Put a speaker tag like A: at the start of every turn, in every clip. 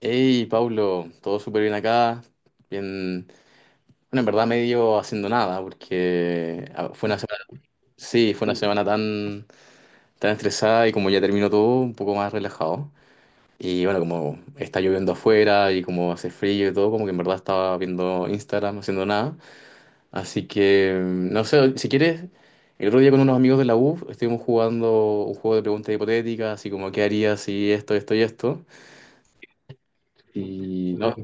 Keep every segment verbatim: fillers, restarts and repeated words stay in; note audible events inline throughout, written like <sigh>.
A: Hey, Pablo, todo súper bien acá. Bien, bueno, en verdad medio haciendo nada, porque ah, fue una semana, sí, fue una semana tan, tan estresada y como ya terminó todo, un poco más relajado. Y bueno, como está lloviendo afuera y como hace frío y todo, como que en verdad estaba viendo Instagram, haciendo nada. Así que, mm, no sé, si quieres, el otro día con unos amigos de la U estuvimos jugando un juego de preguntas hipotéticas, así como, ¿qué harías si esto, esto y esto? Y no,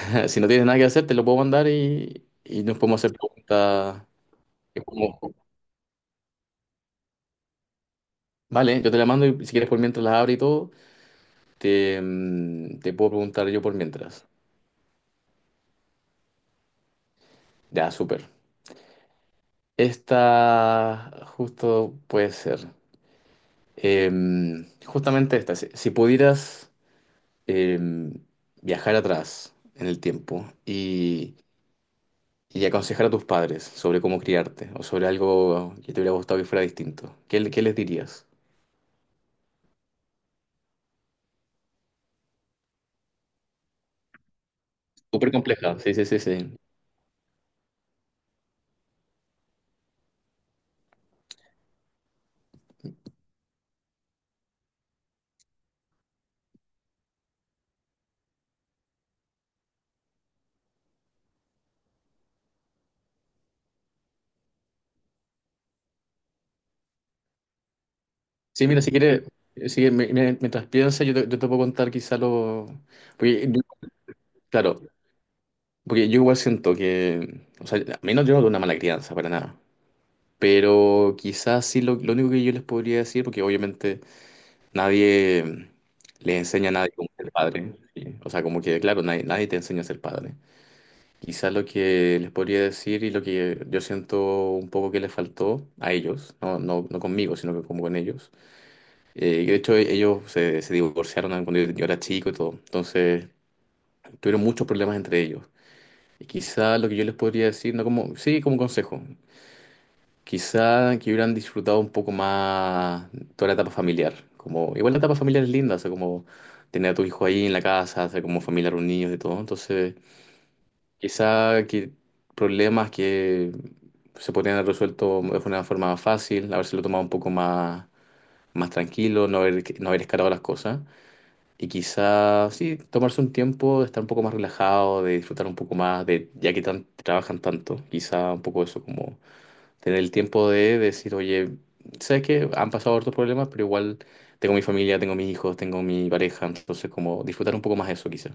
A: <laughs> si no tienes nada que hacer, te lo puedo mandar y, y nos podemos hacer preguntas. Vale, yo te la mando y si quieres por mientras la abro y todo, te, mm, te puedo preguntar yo por mientras. Ya, súper. Esta justo puede ser. Em, justamente esta. Si, si pudieras em, viajar atrás en el tiempo y, y aconsejar a tus padres sobre cómo criarte o sobre algo que te hubiera gustado que fuera distinto, ¿qué, le- qué les dirías? Súper compleja, sí, sí, sí, sí. Sí, mira, si quieres, si, me- me- mientras piensa, yo te, yo te puedo contar quizá lo... Porque, yo- claro, porque yo igual siento que... O sea, a mí no yo no una mala crianza, para nada. Pero quizás sí lo, lo único que yo les podría decir, porque obviamente nadie le enseña a nadie cómo ser padre. ¿Sí? O sea, como que, claro, nadie, nadie te enseña a ser padre. Quizás lo que les podría decir y lo que yo siento un poco que les faltó a ellos, no, no, no conmigo, sino que como con ellos. Eh, de hecho, e- ellos se, se divorciaron cuando yo, yo era chico y todo. Entonces, tuvieron muchos problemas entre ellos. Y quizá lo que yo les podría decir, no como, sí, como consejo, quizá que hubieran disfrutado un poco más toda la etapa familiar. Como, igual la etapa familiar es linda, o sea, como tener a tu hijo ahí en la casa, hacer como familia reunidos y todo. Entonces, quizá que problemas que se podrían haber resuelto de una forma más fácil, habérselo tomado un poco más, más tranquilo, no haber, no haber escalado las cosas. Y quizás, sí, tomarse un tiempo de estar un poco más relajado, de disfrutar un poco más, de ya que tan, trabajan tanto, quizá un poco eso, como tener el tiempo de decir, oye, sabes que han pasado otros problemas, pero igual tengo mi familia, tengo mis hijos, tengo mi pareja, entonces como disfrutar un poco más eso, quizá.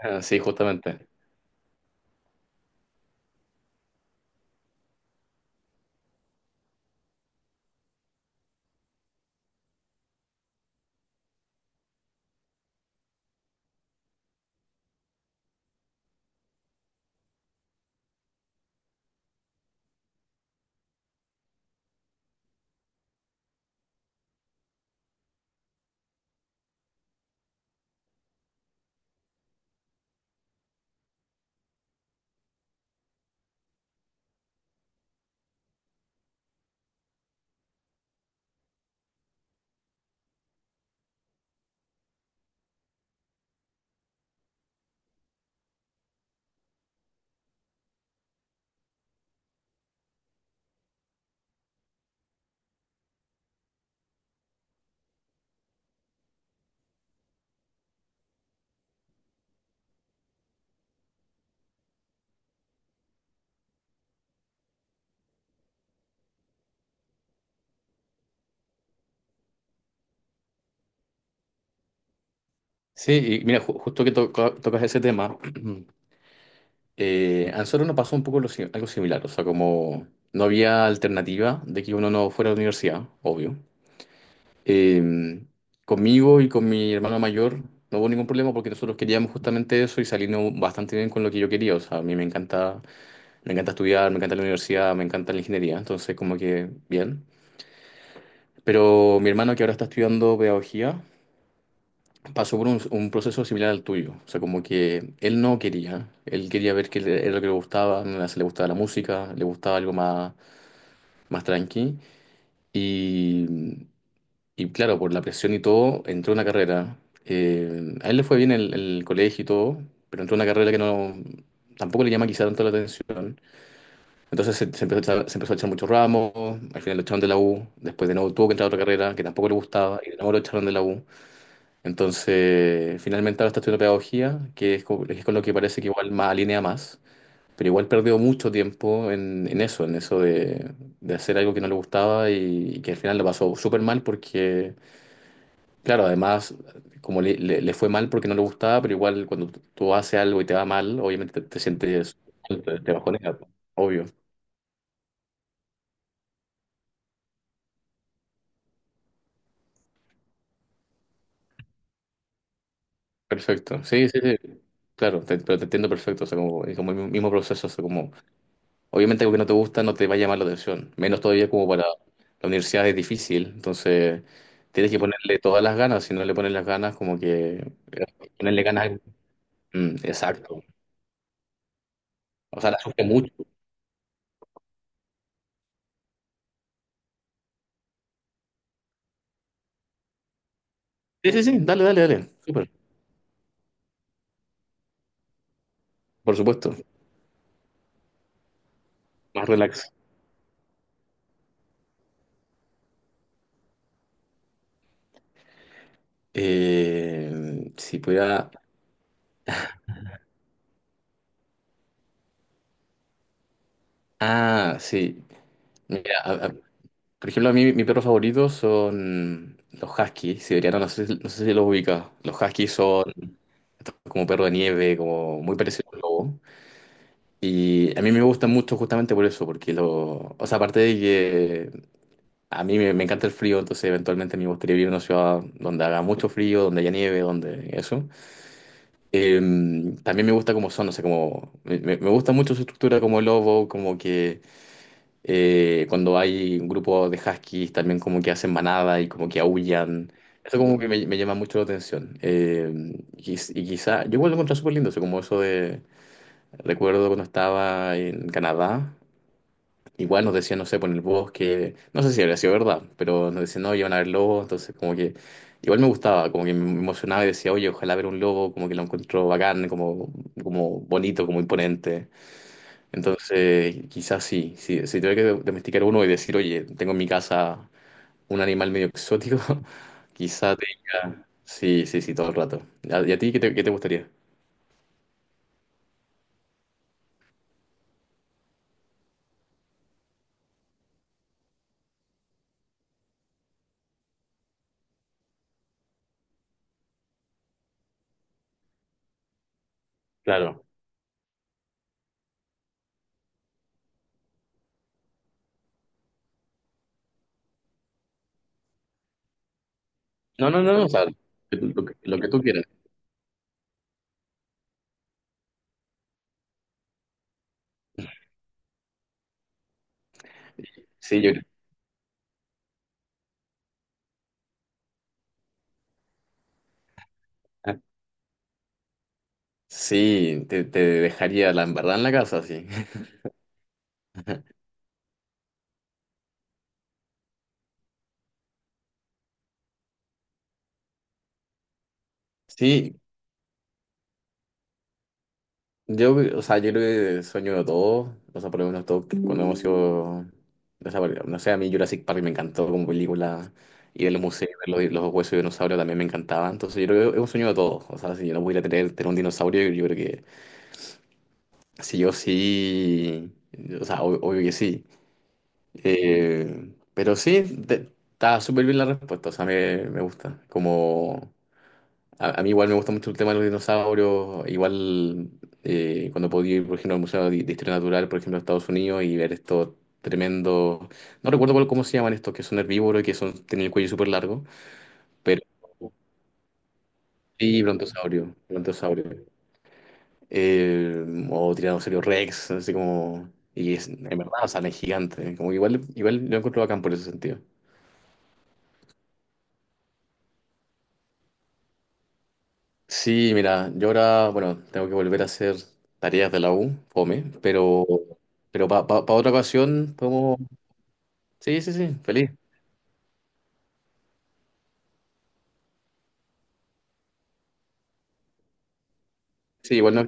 A: Ah, sí, justamente. Sí, y mira, ju- justo que toca- tocas ese tema, <clears throat> eh, a nosotros nos pasó un poco lo si- algo similar, o sea, como no había alternativa de que uno no fuera a la universidad, obvio. Eh, conmigo y con mi hermano mayor no hubo ningún problema porque nosotros queríamos justamente eso y salimos bastante bien con lo que yo quería. O sea, a mí me encanta, me encanta estudiar, me encanta la universidad, me encanta la ingeniería, entonces como que bien. Pero mi hermano que ahora está estudiando pedagogía pasó por un, un proceso similar al tuyo. O sea, como que él no quería, él quería ver qué le- era lo que le gustaba, no le le gustaba la música, le gustaba algo más, más tranqui. Y claro, por la presión y todo, entró a una carrera. Eh, a él le fue bien el, el colegio y todo, pero entró a una carrera que no, tampoco le llama quizá tanto la atención. Entonces se, se empezó a echar, se empezó a echar muchos ramos, al final lo echaron de la U, después de nuevo tuvo que entrar a otra carrera que tampoco le gustaba y de nuevo lo echaron de la U. Entonces finalmente ahora está estudiando pedagogía, que es con, es con lo que parece que igual más alinea más. Pero igual perdió mucho tiempo en, en eso, en eso de, de hacer algo que no le gustaba y, y que al final lo pasó súper mal porque... Claro, además, como le, le- le fue mal porque no le gustaba, pero igual cuando tú tú haces algo y te va mal, obviamente te, te sientes, te, te bajonea, po. Obvio. Perfecto, sí, sí, sí. Claro, te- pero te entiendo perfecto, o sea, como, es como el mismo proceso, o sea, como, obviamente algo que no te gusta no te va a llamar la atención, menos todavía como para la universidad es difícil, entonces tienes que ponerle todas las ganas, si no le pones las ganas, como que eh, ponerle ganas, mm, exacto, o sea, la sufre mucho. Sí, sí, sí, dale, dale, dale, súper, por supuesto, más relax. Eh, si pudiera. Ah, sí. Mira, a- a- por ejemplo, a mí mi perro favorito son los huskies siberianos. No sé, si- no sé si los ubicas. Los huskies son como perro de nieve, como muy parecido al lobo. Y a mí me gustan mucho justamente por eso, porque lo. O sea, aparte de que a mí me, me encanta el frío, entonces eventualmente me gustaría vivir en una ciudad donde haga mucho frío, donde haya nieve, donde eso. Eh, también me gusta cómo son, o sea, como. Me, me- me gusta mucho su estructura como lobo, como que... Eh, cuando hay un grupo de huskies también como que hacen manada y como que aúllan. Eso como que me, me llama mucho la atención. Eh, y, quiz- y quizá, yo igual lo encontré súper lindo, eso como eso de, recuerdo cuando estaba en Canadá, igual nos decían, no sé, por el bosque, no sé si habría sido verdad, pero nos decían, no, iban a ver lobos, entonces como que igual me gustaba, como que me emocionaba y decía, oye, ojalá ver un lobo, como que lo encuentro bacán, como, como bonito, como imponente. Entonces, quizás sí, sí, si tuviera que domesticar uno y decir, oye, tengo en mi casa un animal medio exótico, <laughs> quizás te diga, sí, sí, sí, todo el rato. ¿A- ¿Y a ti qué te, qué te gustaría? Claro. No, no, no, no, o sea, lo que, lo que tú quieras. Sí, yo creo. Sí, te, te dejaría la embarrada en la casa, sí. <laughs> Sí, yo, o sea, yo creo que sueño de todos, o sea, por lo menos todos que- cuando hemos sido, o sea, porque, no sé, a mí Jurassic Park me encantó como película y el museo, los, los huesos de dinosaurio también me encantaba, entonces yo creo que es un sueño de todos, o sea, si yo no pudiera tener, tener un dinosaurio, yo creo que sí yo sí, o sea, ob- obvio que sí. Eh, pero sí, te- está súper bien la respuesta, o sea, me, me gusta, como... A, a mí igual me gusta mucho el tema de los dinosaurios, igual eh, cuando podía ir, por ejemplo, al Museo de de Historia Natural, por ejemplo, a Estados Unidos y ver estos tremendos, no recuerdo cuál- cómo se llaman estos, que son herbívoros y que son, tienen el cuello súper largo, pero sí, brontosaurio, brontosaurio. Eh, o tiranosaurio Rex, así como, y es, en verdad, o sea, no es gigante, como que igual, igual lo encuentro bacán por ese sentido. Sí, mira, yo ahora, bueno, tengo que volver a hacer tareas de la U, fome, pero, pero para otra ocasión podemos... Sí, sí, sí, feliz. Sí, igual no...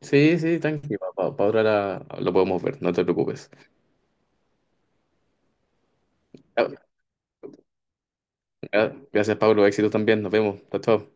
A: Sí, sí, tranqui, para otra la- lo podemos ver, no te preocupes. Ya, ya, gracias, Pablo, éxito también, nos vemos. Chao, chao.